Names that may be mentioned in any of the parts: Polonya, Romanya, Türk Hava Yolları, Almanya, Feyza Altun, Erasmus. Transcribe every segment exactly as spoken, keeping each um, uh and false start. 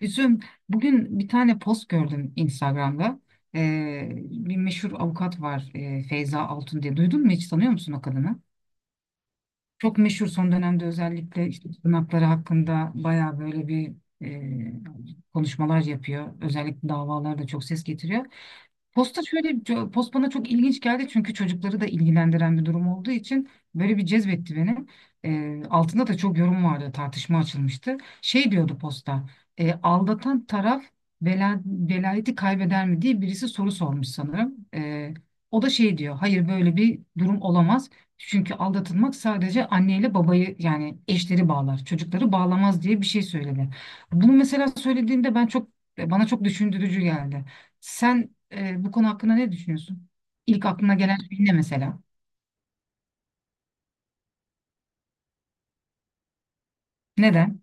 Üzüm. Bugün bir tane post gördüm Instagram'da. Ee, bir meşhur avukat var, e, Feyza Altun diye. Duydun mu, hiç tanıyor musun o kadını? Çok meşhur son dönemde, özellikle işte tırnakları hakkında baya böyle bir e, konuşmalar yapıyor. Özellikle davalarda çok ses getiriyor. Posta şöyle ço- post bana çok ilginç geldi, çünkü çocukları da ilgilendiren bir durum olduğu için böyle bir cezbetti beni. Ee, altında da çok yorum vardı, tartışma açılmıştı. Şey diyordu posta, e, aldatan taraf vela, velayeti kaybeder mi diye birisi soru sormuş sanırım. Ee, o da şey diyor, hayır böyle bir durum olamaz. Çünkü aldatılmak sadece anneyle babayı yani eşleri bağlar, çocukları bağlamaz diye bir şey söyledi. Bunu mesela söylediğinde ben çok bana çok düşündürücü geldi. Sen ee, bu konu hakkında ne düşünüyorsun? İlk aklına gelen şey ne mesela? Neden?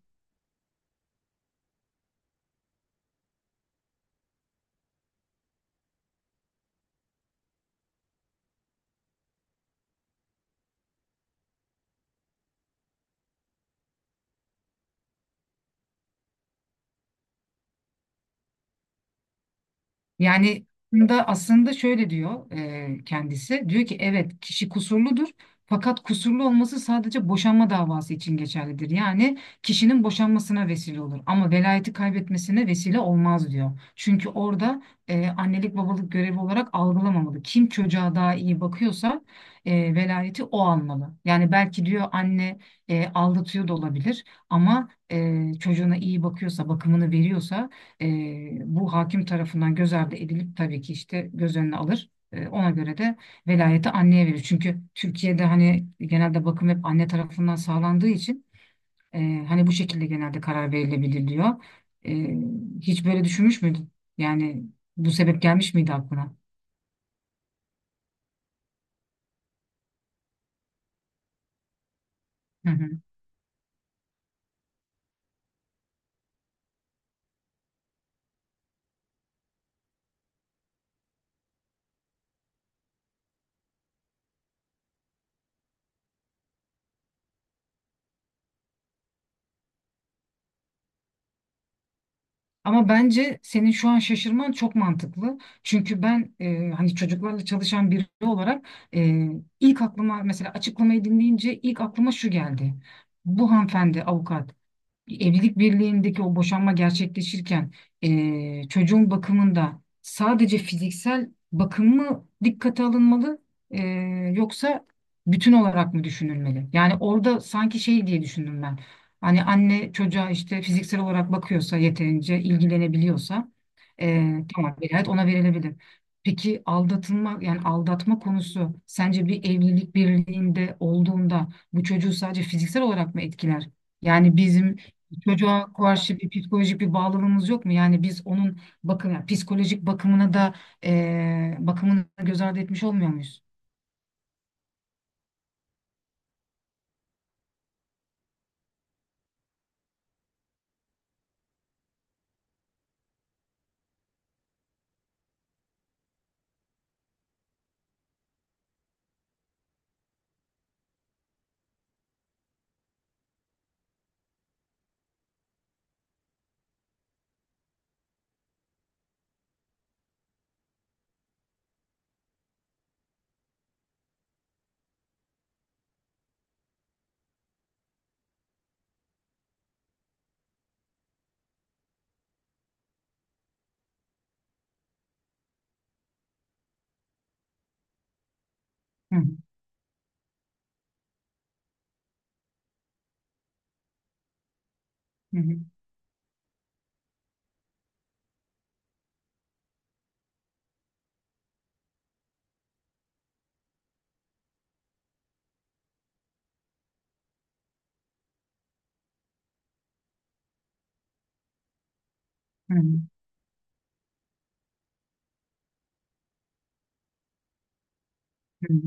Yani da aslında şöyle diyor e, kendisi. Diyor ki evet, kişi kusurludur fakat kusurlu olması sadece boşanma davası için geçerlidir. Yani kişinin boşanmasına vesile olur ama velayeti kaybetmesine vesile olmaz diyor. Çünkü orada e, annelik babalık görevi olarak algılamamalı. Kim çocuğa daha iyi bakıyorsa e, velayeti o almalı. Yani belki diyor anne e, aldatıyor da olabilir ama e, çocuğuna iyi bakıyorsa, bakımını veriyorsa e, bu hakim tarafından göz ardı edilip tabii ki işte göz önüne alır. E, ona göre de velayeti anneye verir. Çünkü Türkiye'de hani genelde bakım hep anne tarafından sağlandığı için e, hani bu şekilde genelde karar verilebililiyor. E, Hiç böyle düşünmüş müydün? Yani bu sebep gelmiş miydi aklına? Hı hı. Ama bence senin şu an şaşırman çok mantıklı. Çünkü ben, e, hani çocuklarla çalışan biri olarak, e, ilk aklıma mesela açıklamayı dinleyince ilk aklıma şu geldi. Bu hanımefendi avukat, evlilik birliğindeki o boşanma gerçekleşirken eee, çocuğun bakımında sadece fiziksel bakım mı dikkate alınmalı, eee, yoksa bütün olarak mı düşünülmeli? Yani orada sanki şey diye düşündüm ben. Hani anne çocuğa işte fiziksel olarak bakıyorsa, yeterince ilgilenebiliyorsa eee tamam, velayet ona verilebilir. Peki aldatılma, yani aldatma konusu sence bir evlilik birliğinde olduğunda bu çocuğu sadece fiziksel olarak mı etkiler? Yani bizim çocuğa karşı bir psikolojik bir bağlılığımız yok mu? Yani biz onun bakım, yani psikolojik bakımına da eee bakımını göz ardı etmiş olmuyor muyuz? Hı hı, hı hı, hı hı, hı hı.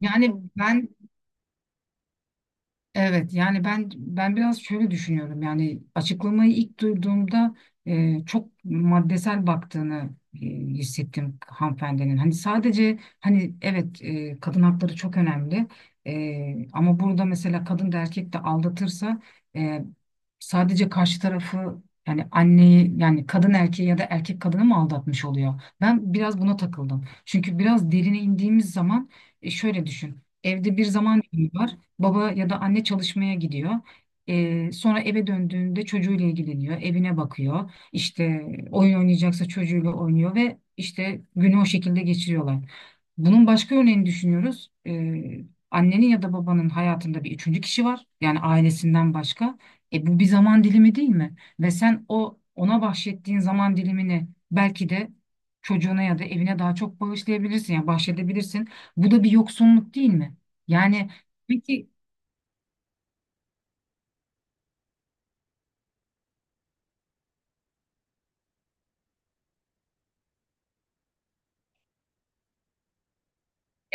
Yani ben Evet yani ben ben biraz şöyle düşünüyorum, yani açıklamayı ilk duyduğumda e, çok maddesel baktığını e, hissettim hanımefendinin. Hani sadece hani evet, e, kadın hakları çok önemli. E, ama burada mesela kadın da erkek de aldatırsa e, sadece karşı tarafı, yani anneyi, yani kadın erkeği ya da erkek kadını mı aldatmış oluyor? Ben biraz buna takıldım. Çünkü biraz derine indiğimiz zaman, e, şöyle düşün. Evde bir zaman dilimi var. Baba ya da anne çalışmaya gidiyor. Ee, sonra eve döndüğünde çocuğuyla ilgileniyor, evine bakıyor. İşte oyun oynayacaksa çocuğuyla oynuyor ve işte günü o şekilde geçiriyorlar. Bunun başka örneğini düşünüyoruz. Ee, annenin ya da babanın hayatında bir üçüncü kişi var. Yani ailesinden başka. E, bu bir zaman dilimi değil mi? Ve sen o ona bahşettiğin zaman dilimini belki de çocuğuna ya da evine daha çok bağışlayabilirsin. Yani bahşedebilirsin. Bu da bir yoksunluk değil mi? Yani peki,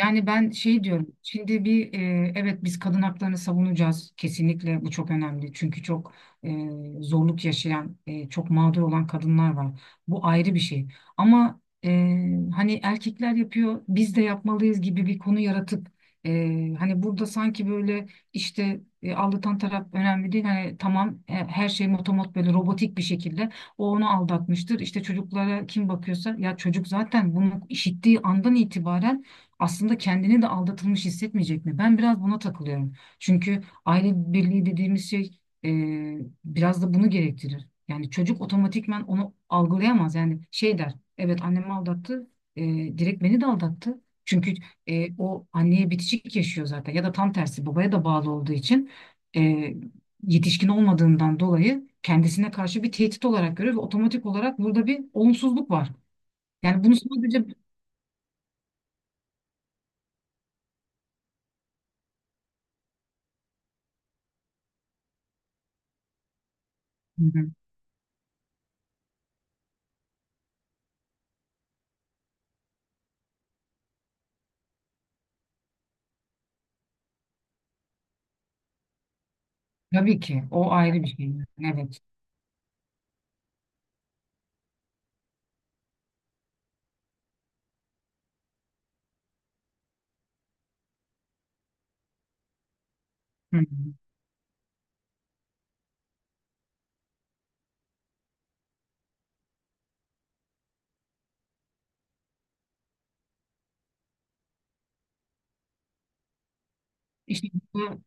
yani ben şey diyorum. Şimdi bir, e, evet, biz kadın haklarını savunacağız. Kesinlikle bu çok önemli. Çünkü çok e, zorluk yaşayan, e, çok mağdur olan kadınlar var. Bu ayrı bir şey. Ama e, hani erkekler yapıyor, biz de yapmalıyız gibi bir konu yaratıp e, hani burada sanki böyle işte e, aldatan taraf önemli değil. Hani tamam, e, her şey motomot böyle robotik bir şekilde o onu aldatmıştır. İşte çocuklara kim bakıyorsa, ya çocuk zaten bunu işittiği andan itibaren aslında kendini de aldatılmış hissetmeyecek mi? Ben biraz buna takılıyorum. Çünkü aile birliği dediğimiz şey, e, biraz da bunu gerektirir. Yani çocuk otomatikman onu algılayamaz. Yani şey der, evet annemi aldattı, e, direkt beni de aldattı. Çünkü e, o anneye bitişik yaşıyor zaten, ya da tam tersi, babaya da bağlı olduğu için e, yetişkin olmadığından dolayı kendisine karşı bir tehdit olarak görüyor ve otomatik olarak burada bir olumsuzluk var. Yani bunu sadece... Hı hı. Tabii ki. O ayrı bir şey. Evet. Hı hı. İşte bu,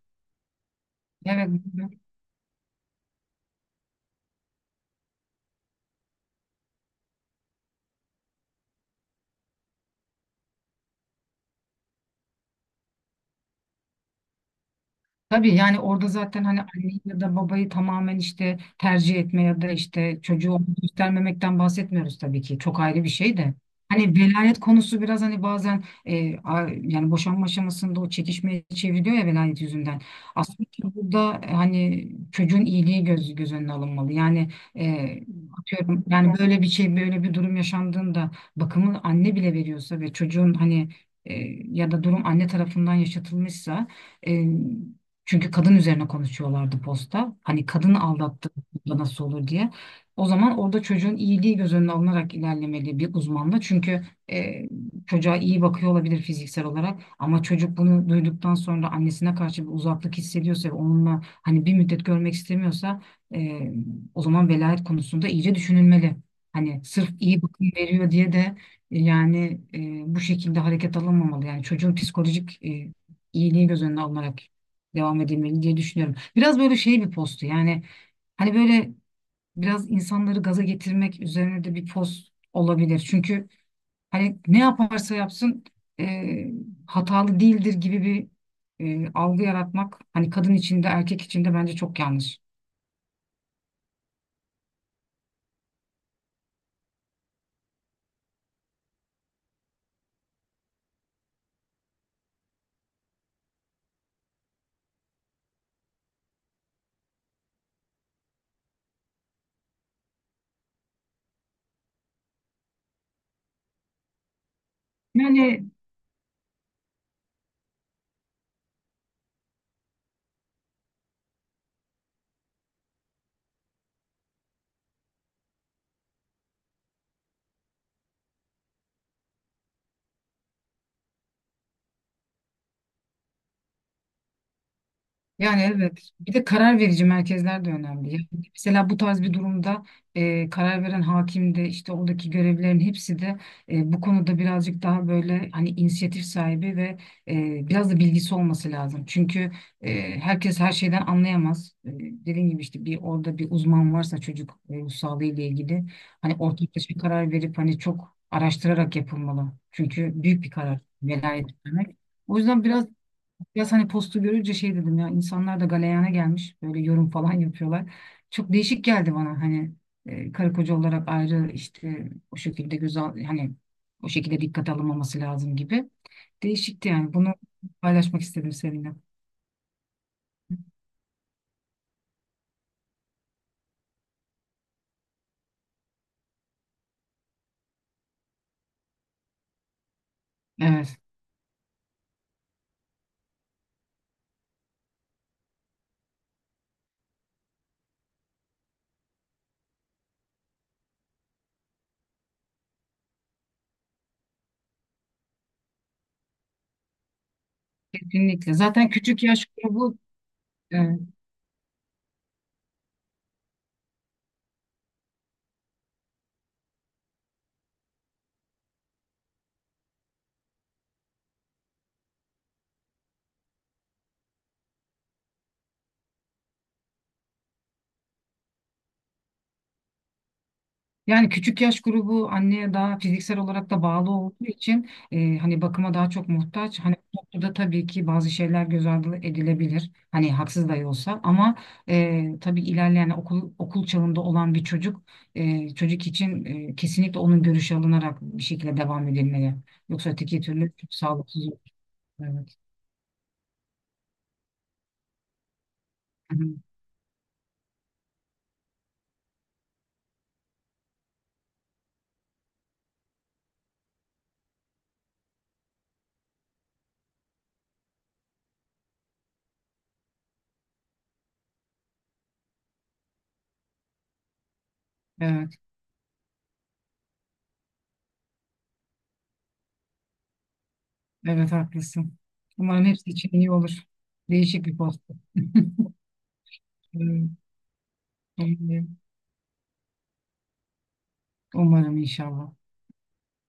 evet. Tabii yani orada zaten hani anneyi ya da babayı tamamen işte tercih etme ya da işte çocuğu ona göstermemekten bahsetmiyoruz tabii ki. Çok ayrı bir şey de. Hani velayet konusu biraz hani bazen e, a- yani boşanma aşamasında o çekişmeye çeviriyor ya, velayet yüzünden. Aslında burada e, hani çocuğun iyiliği göz, göz önüne alınmalı. Yani e, atıyorum, yani böyle bir şey, böyle bir durum yaşandığında, bakımı anne bile veriyorsa ve çocuğun hani e, ya da durum anne tarafından yaşatılmışsa, e, çünkü kadın üzerine konuşuyorlardı posta. Hani kadını aldattı da nasıl olur diye. O zaman orada çocuğun iyiliği göz önüne alınarak ilerlemeli, bir uzmanla. Çünkü e, çocuğa iyi bakıyor olabilir fiziksel olarak, ama çocuk bunu duyduktan sonra annesine karşı bir uzaklık hissediyorsa ve onunla hani bir müddet görmek istemiyorsa, e, o zaman velayet konusunda iyice düşünülmeli. Hani sırf iyi bakım veriyor diye de e, yani e, bu şekilde hareket alınmamalı. Yani çocuğun psikolojik e, iyiliği göz önüne alınarak devam edilmeli diye düşünüyorum. Biraz böyle şey bir postu, yani hani böyle biraz insanları gaza getirmek üzerine de bir post olabilir. Çünkü hani ne yaparsa yapsın e, hatalı değildir gibi bir e, algı yaratmak, hani kadın içinde erkek içinde bence çok yanlış. Yani Yani evet. Bir de karar verici merkezler de önemli. Yani mesela bu tarz bir durumda e, karar veren hakim de, işte oradaki görevlilerin hepsi de e, bu konuda birazcık daha böyle hani inisiyatif sahibi ve e, biraz da bilgisi olması lazım. Çünkü e, herkes her şeyden anlayamaz. E, dediğim gibi, işte bir orada bir uzman varsa, çocuk e, ruh sağlığı ile ilgili hani ortaklaşa bir karar verip hani çok araştırarak yapılmalı. Çünkü büyük bir karar velayet vermek. O yüzden biraz, biraz hani postu görünce şey dedim ya, insanlar da galeyana gelmiş, böyle yorum falan yapıyorlar. Çok değişik geldi bana, hani e, karı koca olarak ayrı, işte o şekilde güzel, hani o şekilde dikkat alınmaması lazım gibi. Değişikti yani, bunu paylaşmak istedim seninle. Evet, kesinlikle zaten küçük yaş grubu e, yani küçük yaş grubu anneye daha fiziksel olarak da bağlı olduğu için e, hani bakıma daha çok muhtaç. Hani bu noktada tabii ki bazı şeyler göz ardı edilebilir. Hani haksız da olsa, ama e, tabii ilerleyen okul okul çağında olan bir çocuk e, çocuk için e, kesinlikle onun görüşü alınarak bir şekilde devam edilmeli. Yoksa öteki türlü çok sağlıksız olur. Evet. Hı hı. Evet, evet haklısın. Umarım hepsi için iyi olur. Değişik bir post. Umarım, umarım inşallah.